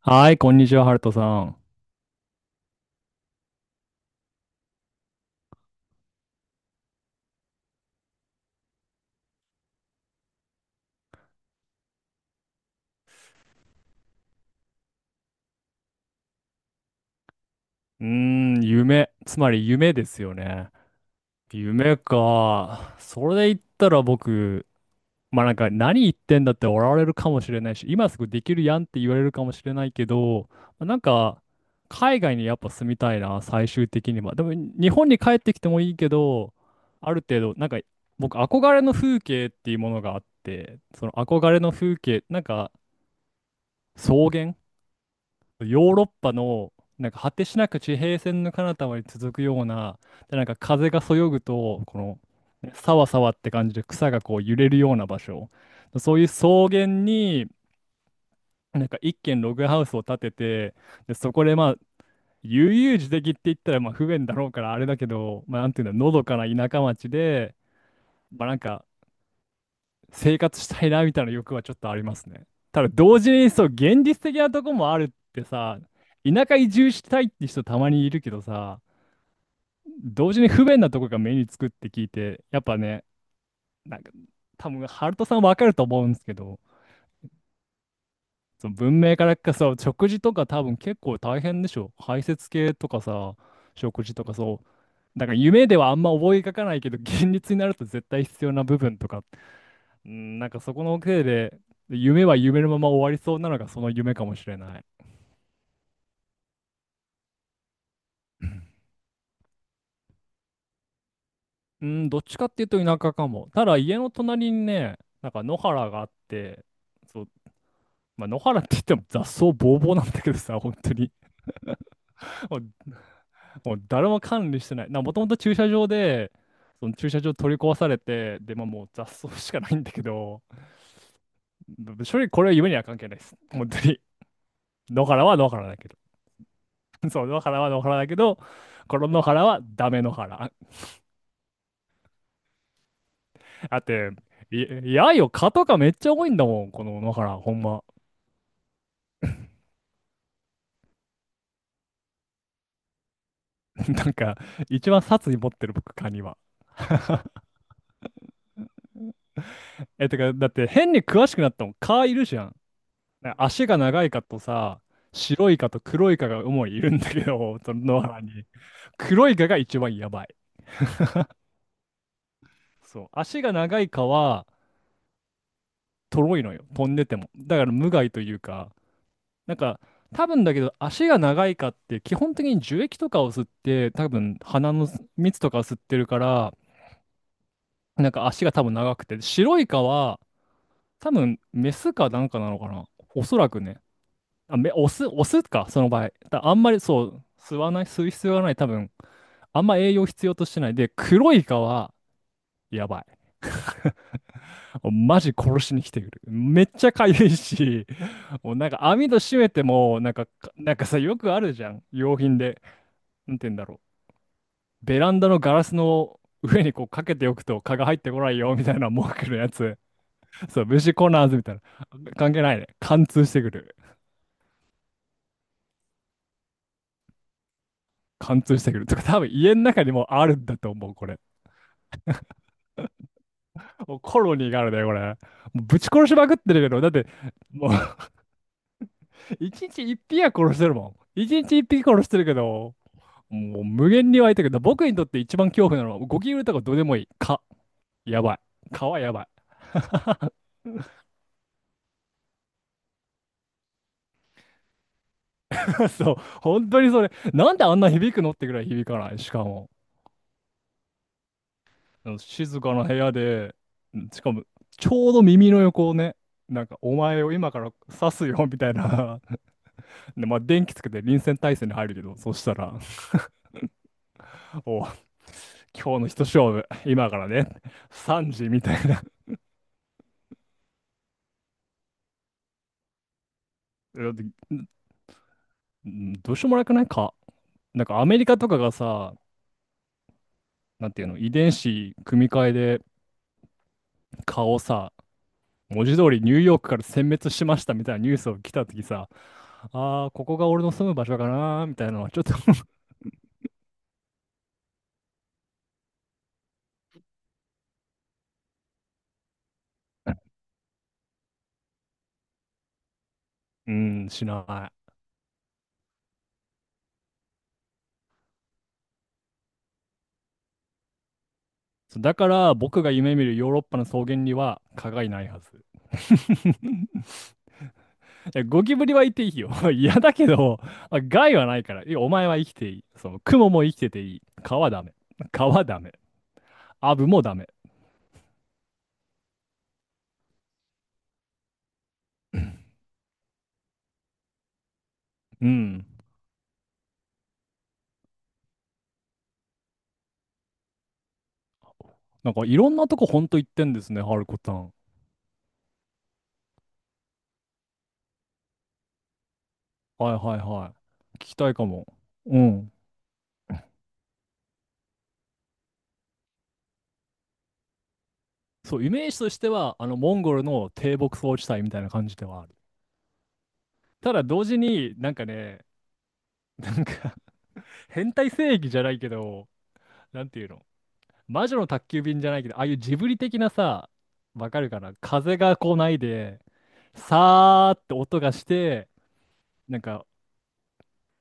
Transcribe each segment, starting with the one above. はい、こんにちは、ハルトさん。うーん、夢。つまり夢ですよね。夢か。それで言ったら僕、まあなんか何言ってんだって笑われるかもしれないし、今すぐできるやんって言われるかもしれないけど、まあなんか海外にやっぱ住みたいな、最終的には。でも日本に帰ってきてもいいけど、ある程度、なんか僕憧れの風景っていうものがあって、その憧れの風景、なんか草原、ヨーロッパの、なんか果てしなく地平線の彼方まで続くような、で、なんか風がそよぐと、この、ねさわさわって感じで草がこう揺れるような場所。そういう草原に、なんか一軒ログハウスを建てて、で、そこでまあ、悠々自適って言ったらまあ不便だろうからあれだけど、まあなんていうんだ、のどかな田舎町で、まあなんか、生活したいなみたいな欲はちょっとありますね。ただ同時にそう現実的なとこもあるってさ、田舎移住したいって人たまにいるけどさ、同時に不便なとこが目につくって聞いて、やっぱね、なんか多分ハルトさんわかると思うんですけど、その文明からかそう食事とか多分結構大変でしょ。排泄系とかさ、食事とかそう。だから夢ではあんま思い描かないけど、現実になると絶対必要な部分とかっうん、なんかそこのせいで、夢は夢のまま終わりそうなのがその夢かもしれない。うん、どっちかっていうと田舎かも。ただ家の隣にね、なんか野原があって、そう、まあ、野原って言っても雑草ぼうぼうなんだけどさ、本当に。もう、もう誰も管理してない。もともと駐車場で、その駐車場取り壊されて、で、まあ、もう雑草しかないんだけど、正直これは夢には関係ないです。本当に。野原は野原だけど。そう、野原は野原だけど、この野原はダメ野原。だって、い、いやよ、蚊とかめっちゃ多いんだもん、この野原、ほんま。なんか、一番殺意持ってる僕、蚊には。え、てか、だって変に詳しくなったもん、蚊いるじゃん。足が長い蚊とさ、白い蚊と黒い蚊が主にいるんだけど、その野原に。黒い蚊が一番やばい。そう。足が長い蚊は、とろいのよ、飛んでても。だから無害というか、なんか、多分だけど足が長い蚊って基本的に樹液とかを吸って多分鼻の蜜とかを吸ってるから、なんか足が多分長くて、白イカは多分メスかなんかなのかな。おそらくね。オス、オスか、その場合。だあんまりそう、吸わない、吸う必要がない、多分。あんま栄養必要としてない。で、黒イカは、やばい。マジ殺しに来てくる。めっちゃ痒いし、もうなんか網戸閉めても、なんか、なんかさ、よくあるじゃん。用品で。なんて言うんだろう。ベランダのガラスの上にこうかけておくと蚊が入ってこないよ、みたいな文句のやつ。そう、虫コナーズみたいな。関係ないね。貫通してくる。貫通してくる。とか、多分家の中にもあるんだと思う、これ。もうコロニーがあるね、これ。もうぶち殺しまくってるけど、だって、もう 一日一匹は殺してるもん。一日一匹殺してるけど、もう無限に湧いてくる。僕にとって一番恐怖なのは、ゴキブリとかどうでもいい。蚊。やばい。蚊はやばい。そう、本当にそれ。なんであんな響くのってぐらい響かない。しかも。あの静かな部屋で、しかも、ちょうど耳の横をね、なんか、お前を今から刺すよ、みたいな。で、まあ、電気つけて臨戦態勢に入るけど、そしたら、おう、今日の一勝負、今からね、3時、みたいな。だってどうしようもなくないか。なんか、アメリカとかがさ、なんていうの、遺伝子組み換えで顔をさ、文字通りニューヨークから殲滅しましたみたいなニュースを来た時さ、ああ、ここが俺の住む場所かなーみたいなのはちょっと うん、しない。だから僕が夢見るヨーロッパの草原には蚊がいないはず。いやゴキブリはいていいよ。嫌だけど、害はないから。いやお前は生きていい。その、クモも生きてていい。蚊はダメ。蚊はダメ。アブもダメ。うん。なんかいろんなとこほんと行ってんですね、ハルコさん。はいはいはい。聞きたいかも。うん。そう、イメージとしては、あの、モンゴルの低牧草地帯みたいな感じではある。ただ同時になんかね、なんか変態正義じゃないけど、なんていうの、魔女の宅急便じゃないけど、ああいうジブリ的なさ、わかるかな、風が来ないで、さーって音がして、なんか、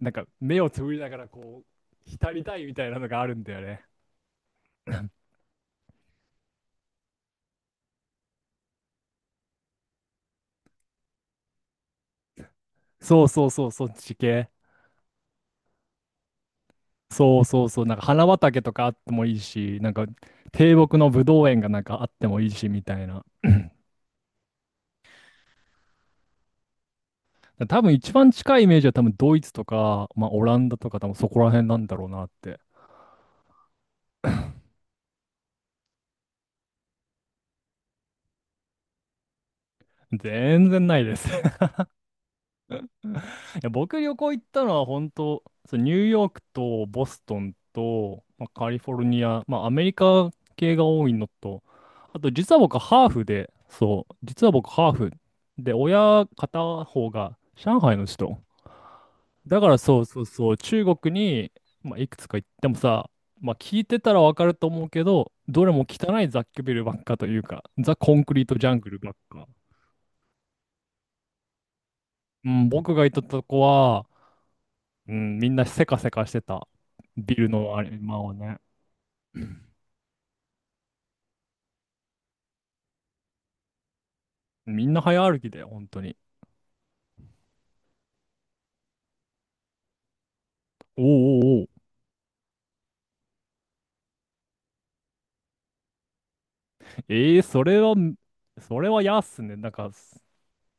なんか目をつぶりながらこう、浸りたいみたいなのがあるんだよね。そうそうそう、そっち系。そうそうそう、なんか花畑とかあってもいいし、なんか低木のぶどう園がなんかあってもいいしみたいな。多分一番近いイメージは多分ドイツとか、まあ、オランダとか多分そこら辺なんだろうなって。全然ないです。 いや、僕旅行行ったのは本当、そうニューヨークとボストンと、まあ、カリフォルニア、まあ、アメリカ系が多いのと、あと実は僕ハーフで、そう、実は僕ハーフで、親片方が上海の人。だからそうそうそう、中国に、まあ、いくつか行ってもさ、まあ、聞いてたらわかると思うけど、どれも汚い雑居ビルばっかというか、ザ・コンクリート・ジャングルばっか。うん、僕が行ったとこは、うん、みんなせかせかしてた。ビルのあれ、まあね。みんな早歩きだよ、本当に。おうおうおう。えー、それは、やっすね。なんか、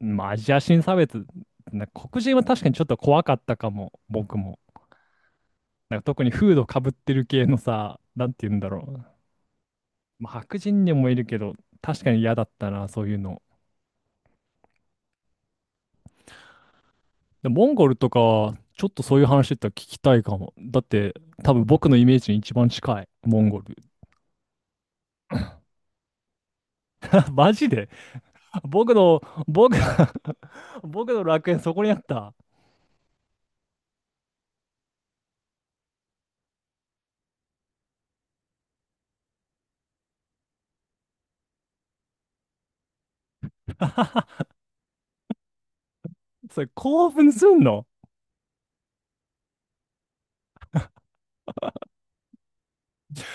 まあ、アジア人差別。なんか黒人は確かにちょっと怖かったかも、僕も。なんか特にフードかぶってる系のさ、なんて言うんだろう。まあ、白人にもいるけど、確かに嫌だったな、そういうの。でモンゴルとかは、ちょっとそういう話だったら聞きたいかも。だって、多分僕のイメージに一番近い、モンゴル。マジで僕の、僕、僕の楽園そこにあった。それ興奮すんの？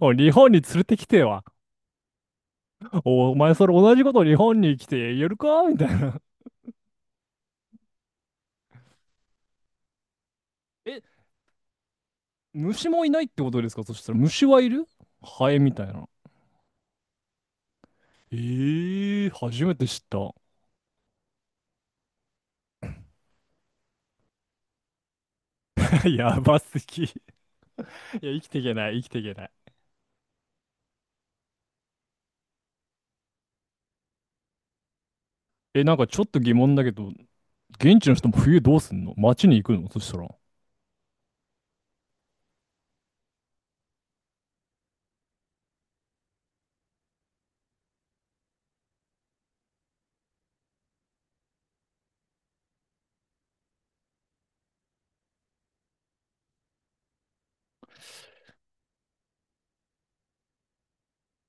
おい、日本に連れてきては。お前それ同じこと日本に来てやるかみたいな。え、虫もいないってことですか？そしたら虫はいる？ハエみたいな。えー、初めて知った。やばすぎ。いや、生きていけない、生きていけない。え、なんかちょっと疑問だけど、現地の人も冬どうすんの？街に行くの？そしたら。